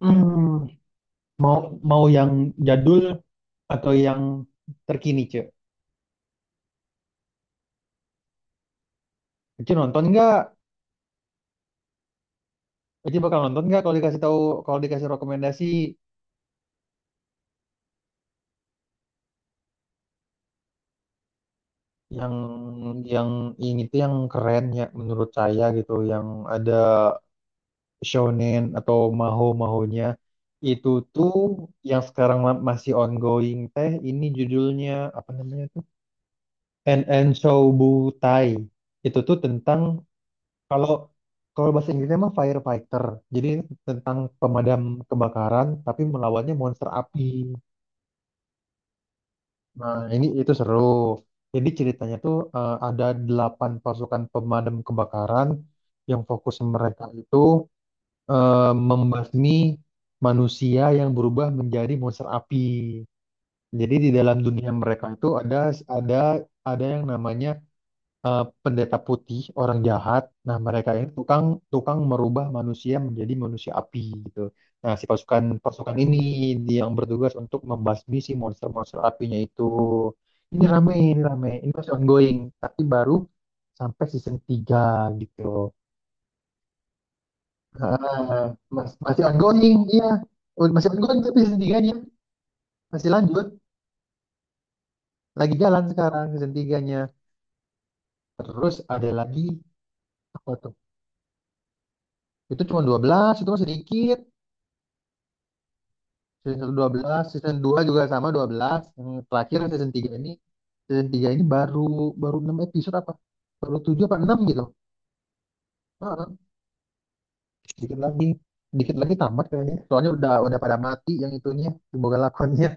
Hmm, mau mau yang jadul atau yang terkini, Cek? Cek nonton nggak? Cek bakal nonton nggak kalau dikasih tahu, kalau dikasih rekomendasi, yang yang ini tuh yang keren ya menurut saya gitu, yang ada shonen atau maho-mahonya itu tuh yang sekarang masih ongoing teh, ini judulnya, apa namanya tuh? NN Shoubutai. Itu tuh tentang. Kalau kalau bahasa Inggrisnya mah firefighter. Jadi ini tentang pemadam kebakaran, tapi melawannya monster api. Nah, ini itu seru. Jadi ceritanya tuh ada 8 pasukan pemadam kebakaran yang fokus mereka itu eh, membasmi manusia yang berubah menjadi monster api. Jadi di dalam dunia mereka itu ada ada ada yang namanya pendeta putih, orang jahat. Nah, mereka ini tukang tukang merubah manusia menjadi manusia api gitu. Nah, si pasukan pasukan ini dia yang bertugas untuk membasmi si monster-monster apinya itu. Ini rame, ini rame. Ini masih ongoing, tapi baru sampai season 3 gitu. Heeh, masih ongoing, iya. Oh, masih ongoing tapi season tiganya masih lanjut. Lagi jalan sekarang season tiganya. Terus ada lagi, apa tuh? Itu cuma 12, itu masih dikit. Season 1 12, season 2 juga sama 12. Yang terakhir season 3 ini, season 3 ini baru baru 6 episode apa? Baru 7, apa 6 gitu. Heeh, dikit lagi. Dikit lagi tamat kayaknya. Soalnya udah pada mati yang itunya, bukan lakonnya.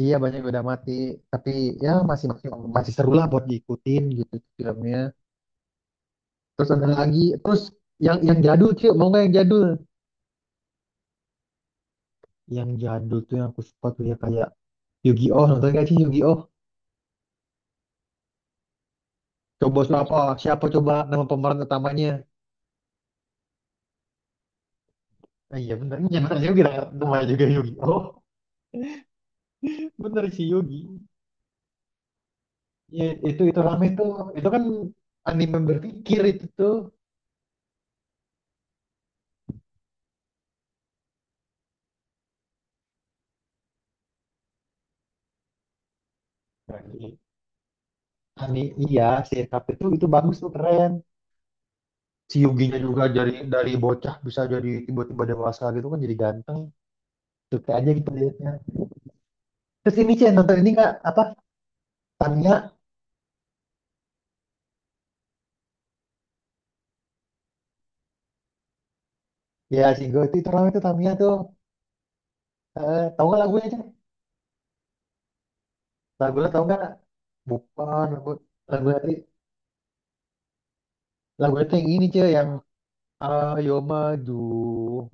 Iya, banyak yang udah mati, tapi ya masih masih masih seru lah buat diikutin gitu filmnya. Terus ada lagi, terus yang jadul, Cuk. Mau nggak yang jadul? Yang jadul tuh yang aku suka tuh ya kayak Yu-Gi-Oh, nonton gak sih Yu-Gi-Oh? Coba siapa? Siapa coba nama pemeran utamanya? Oh, iya bener Yugi lah, namanya juga Yugi. Oh, bener si Yugi. Ya, itu rame tuh, itu kan anime berpikir itu tuh. Ani, iya si sirkup itu bagus tuh, keren. Si Yuginya juga dari bocah bisa jadi tiba-tiba dewasa gitu kan, jadi ganteng. Suka aja gitu liatnya. Terus ini Cen, nonton ini nggak, apa Tamiya, ya si Go itu rame tuh Tamiya tuh. Eh, tahu nggak lagunya Cen? Lagunya tahu nggak? Bukan lagu, lagu lagu itu yang ini, cuy, yang ayo maju,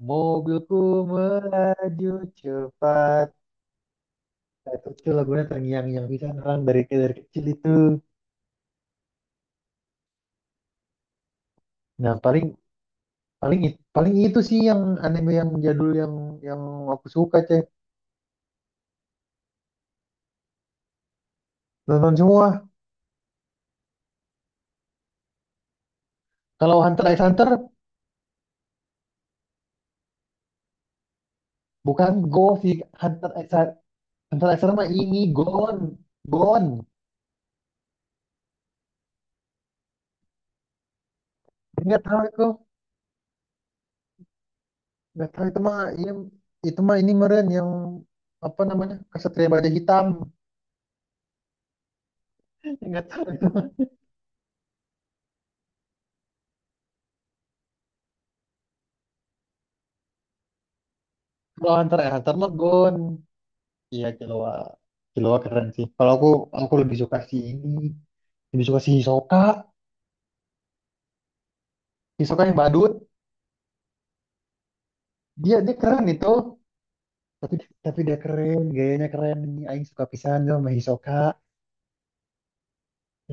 mobilku melaju cepat. Nah, itu lagunya terngiang-ngiang bisa orang dari kecil itu. Nah, paling, paling itu sih yang anime yang jadul, yang aku suka, Cek, nonton semua. Kalau Hunter x Hunter bukan Go sih. Hunter x Hunter, mah ini Gon Gon. Nggak tahu itu, nggak tahu itu mah ini, itu mah ini meren yang apa namanya, kesatria baja hitam. Nggak tahu. Kalau Hunter x Hunter mah Gon. Iya, Killua. Killua keren sih. Kalau aku lebih suka si ini. Lebih suka si Hisoka. Hisoka yang badut. Dia dia keren itu. Tapi tapi dia keren, gayanya keren. Aing suka pisan sama Hisoka.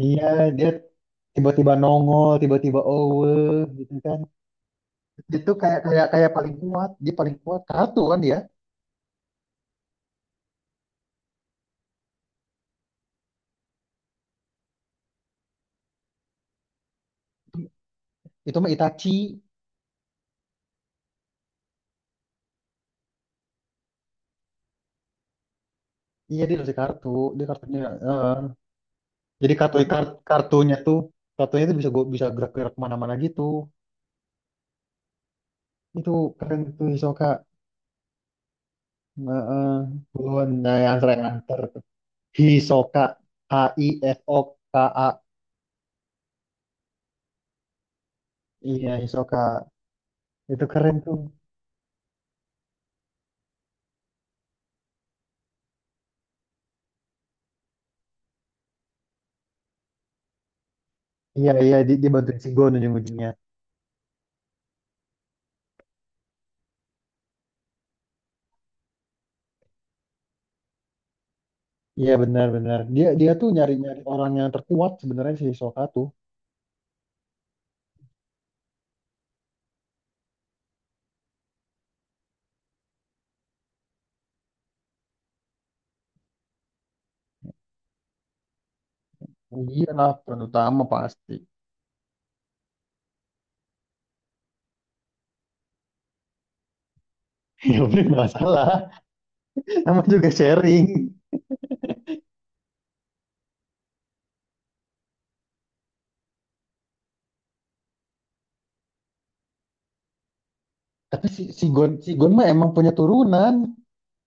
Iya, dia tiba-tiba nongol, tiba-tiba owe gitu kan. Itu kayak, kayak paling kuat, dia paling kuat kartu kan dia. Itu mah Itachi. Iya, dia dari kartu, dia kartunya. eh. Jadi kartu, kartunya tuh, bisa gua, bisa gerak-gerak kemana-mana gitu. Itu keren tuh Hisoka. Nah, buruan. Nah, yang sering, yang tuh. Hisoka, H I S O K A. Iya, Hisoka. Itu keren tuh. Iya, iya, dia bantuin Shingon ujung-ujungnya. Iya, benar-benar. Dia dia tuh nyari-nyari orang yang terkuat sebenarnya, si Hisoka tuh. Iya lah, peran utama pasti. Ya udah, nggak salah. Nama juga sharing. Tapi si Gon mah emang punya turunan.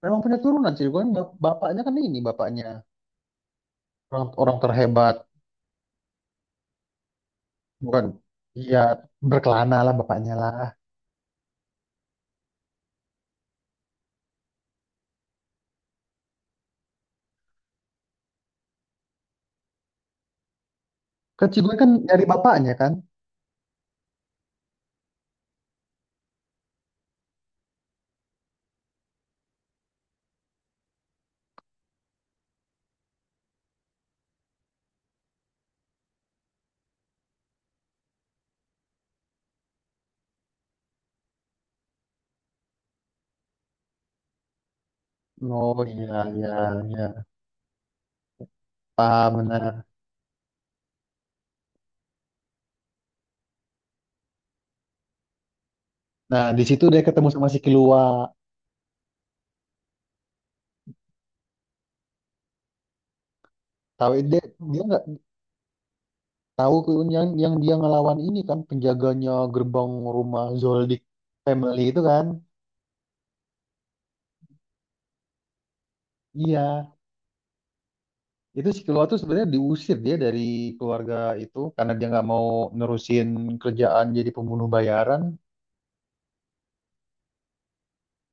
Memang punya turunan Cilegon. Bapaknya kan ini, bapaknya orang terhebat. Bukan, iya, berkelana lah bapaknya lah. Kan Cilegon kan nyari bapaknya kan. Oh, iya, iya, iya. Paham, benar. Nah, di situ dia ketemu sama si Kilua. Tahu dia dia nggak tahu Kilua yang dia ngelawan ini kan penjaganya gerbang rumah Zoldyck family itu kan. Iya, itu si Kilua tuh sebenarnya diusir dia dari keluarga itu karena dia nggak mau nerusin kerjaan jadi pembunuh bayaran.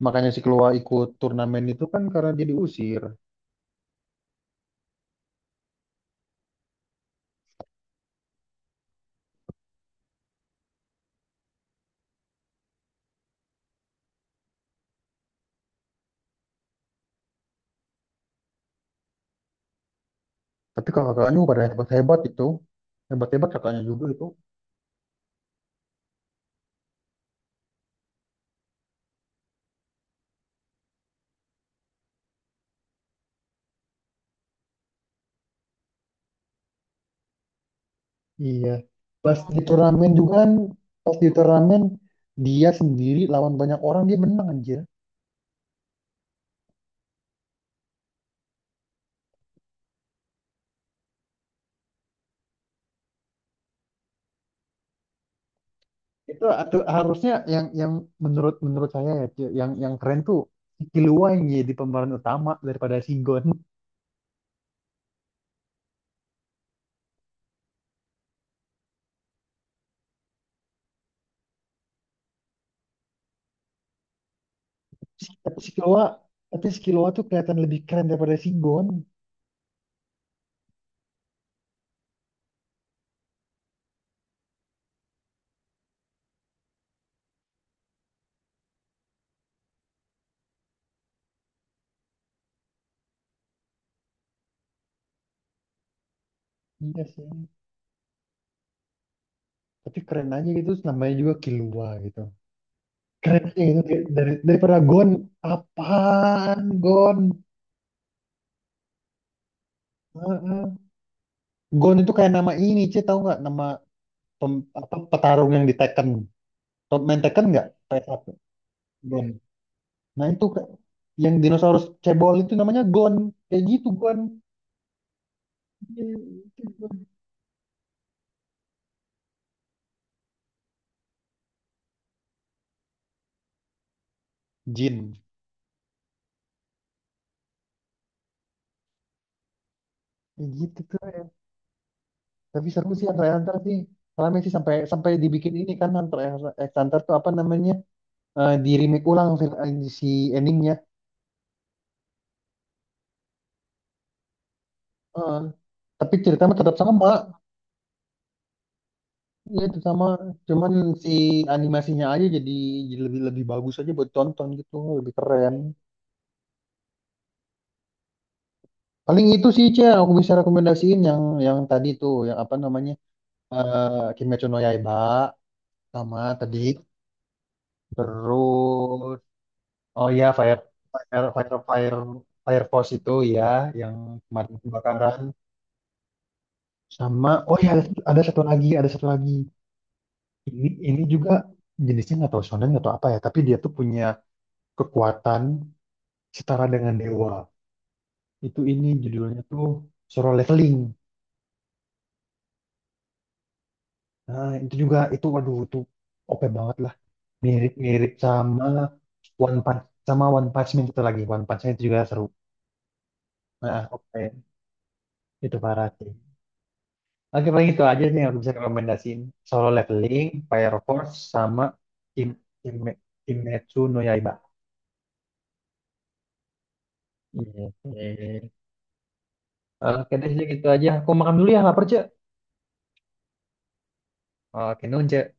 Makanya si Keloa ikut turnamen itu kan karena dia diusir. Tapi kakak-kakaknya pada hebat-hebat itu. Hebat-hebat kakaknya juga itu. Iya. Pas di turnamen juga kan, pas di turnamen dia sendiri lawan banyak orang, dia menang anjir. Itu atau harusnya, yang menurut menurut saya ya, Ci, yang keren tuh si Kilua yang jadi pemeran utama daripada Sigon. Si- Tapi si Kilua, tapi si Kilua tuh kelihatan lebih keren daripada Sigon. Iya sih. Tapi keren aja gitu, namanya juga Kilua gitu. Keren itu dari, daripada Gon, apaan Gon. Heeh. Gon itu kayak nama ini, Ci, tahu nggak nama apa petarung yang di Tekken. Top main Tekken nggak, PS1, Gon, nah itu yang dinosaurus cebol itu namanya Gon, kayak gitu Gon. Jin, kayak gitu tuh ya. Tapi seru sih Hunter x Hunter sih. Soalnya sih sampai sampai dibikin ini kan Hunter x Hunter tuh apa namanya, di remake ulang film, si endingnya. Heeh. Tapi ceritanya tetap sama. Iya itu sama, cuman si animasinya aja jadi lebih lebih bagus aja buat tonton gitu, lebih keren. Paling itu sih, Cia, yang aku bisa rekomendasiin, yang tadi tuh, yang apa namanya, eh Kimetsu no Yaiba, sama tadi, terus oh iya, Fire, Fire Fire Fire Fire Force itu ya, yang kemarin kebakaran. Sama oh ya, ada satu lagi, ada satu lagi. Ini juga, jenisnya nggak tahu shonen nggak tahu apa ya, tapi dia tuh punya kekuatan setara dengan dewa. Itu, ini judulnya tuh Solo Leveling. Nah, itu juga itu, waduh itu OP banget lah. Mirip-mirip sama One Punch, sama One Punch Man itu lagi. One Punch Man itu juga seru. Nah, oke. Itu parah sih. Oke, paling itu aja nih yang aku bisa rekomendasiin. Solo Leveling, Fire Force, sama Kim, Kim, Kimetsu no Yaiba. Iya. Iya. Oke deh, gitu aja. Aku makan dulu ya, lapar, Cek. Oke, nunce.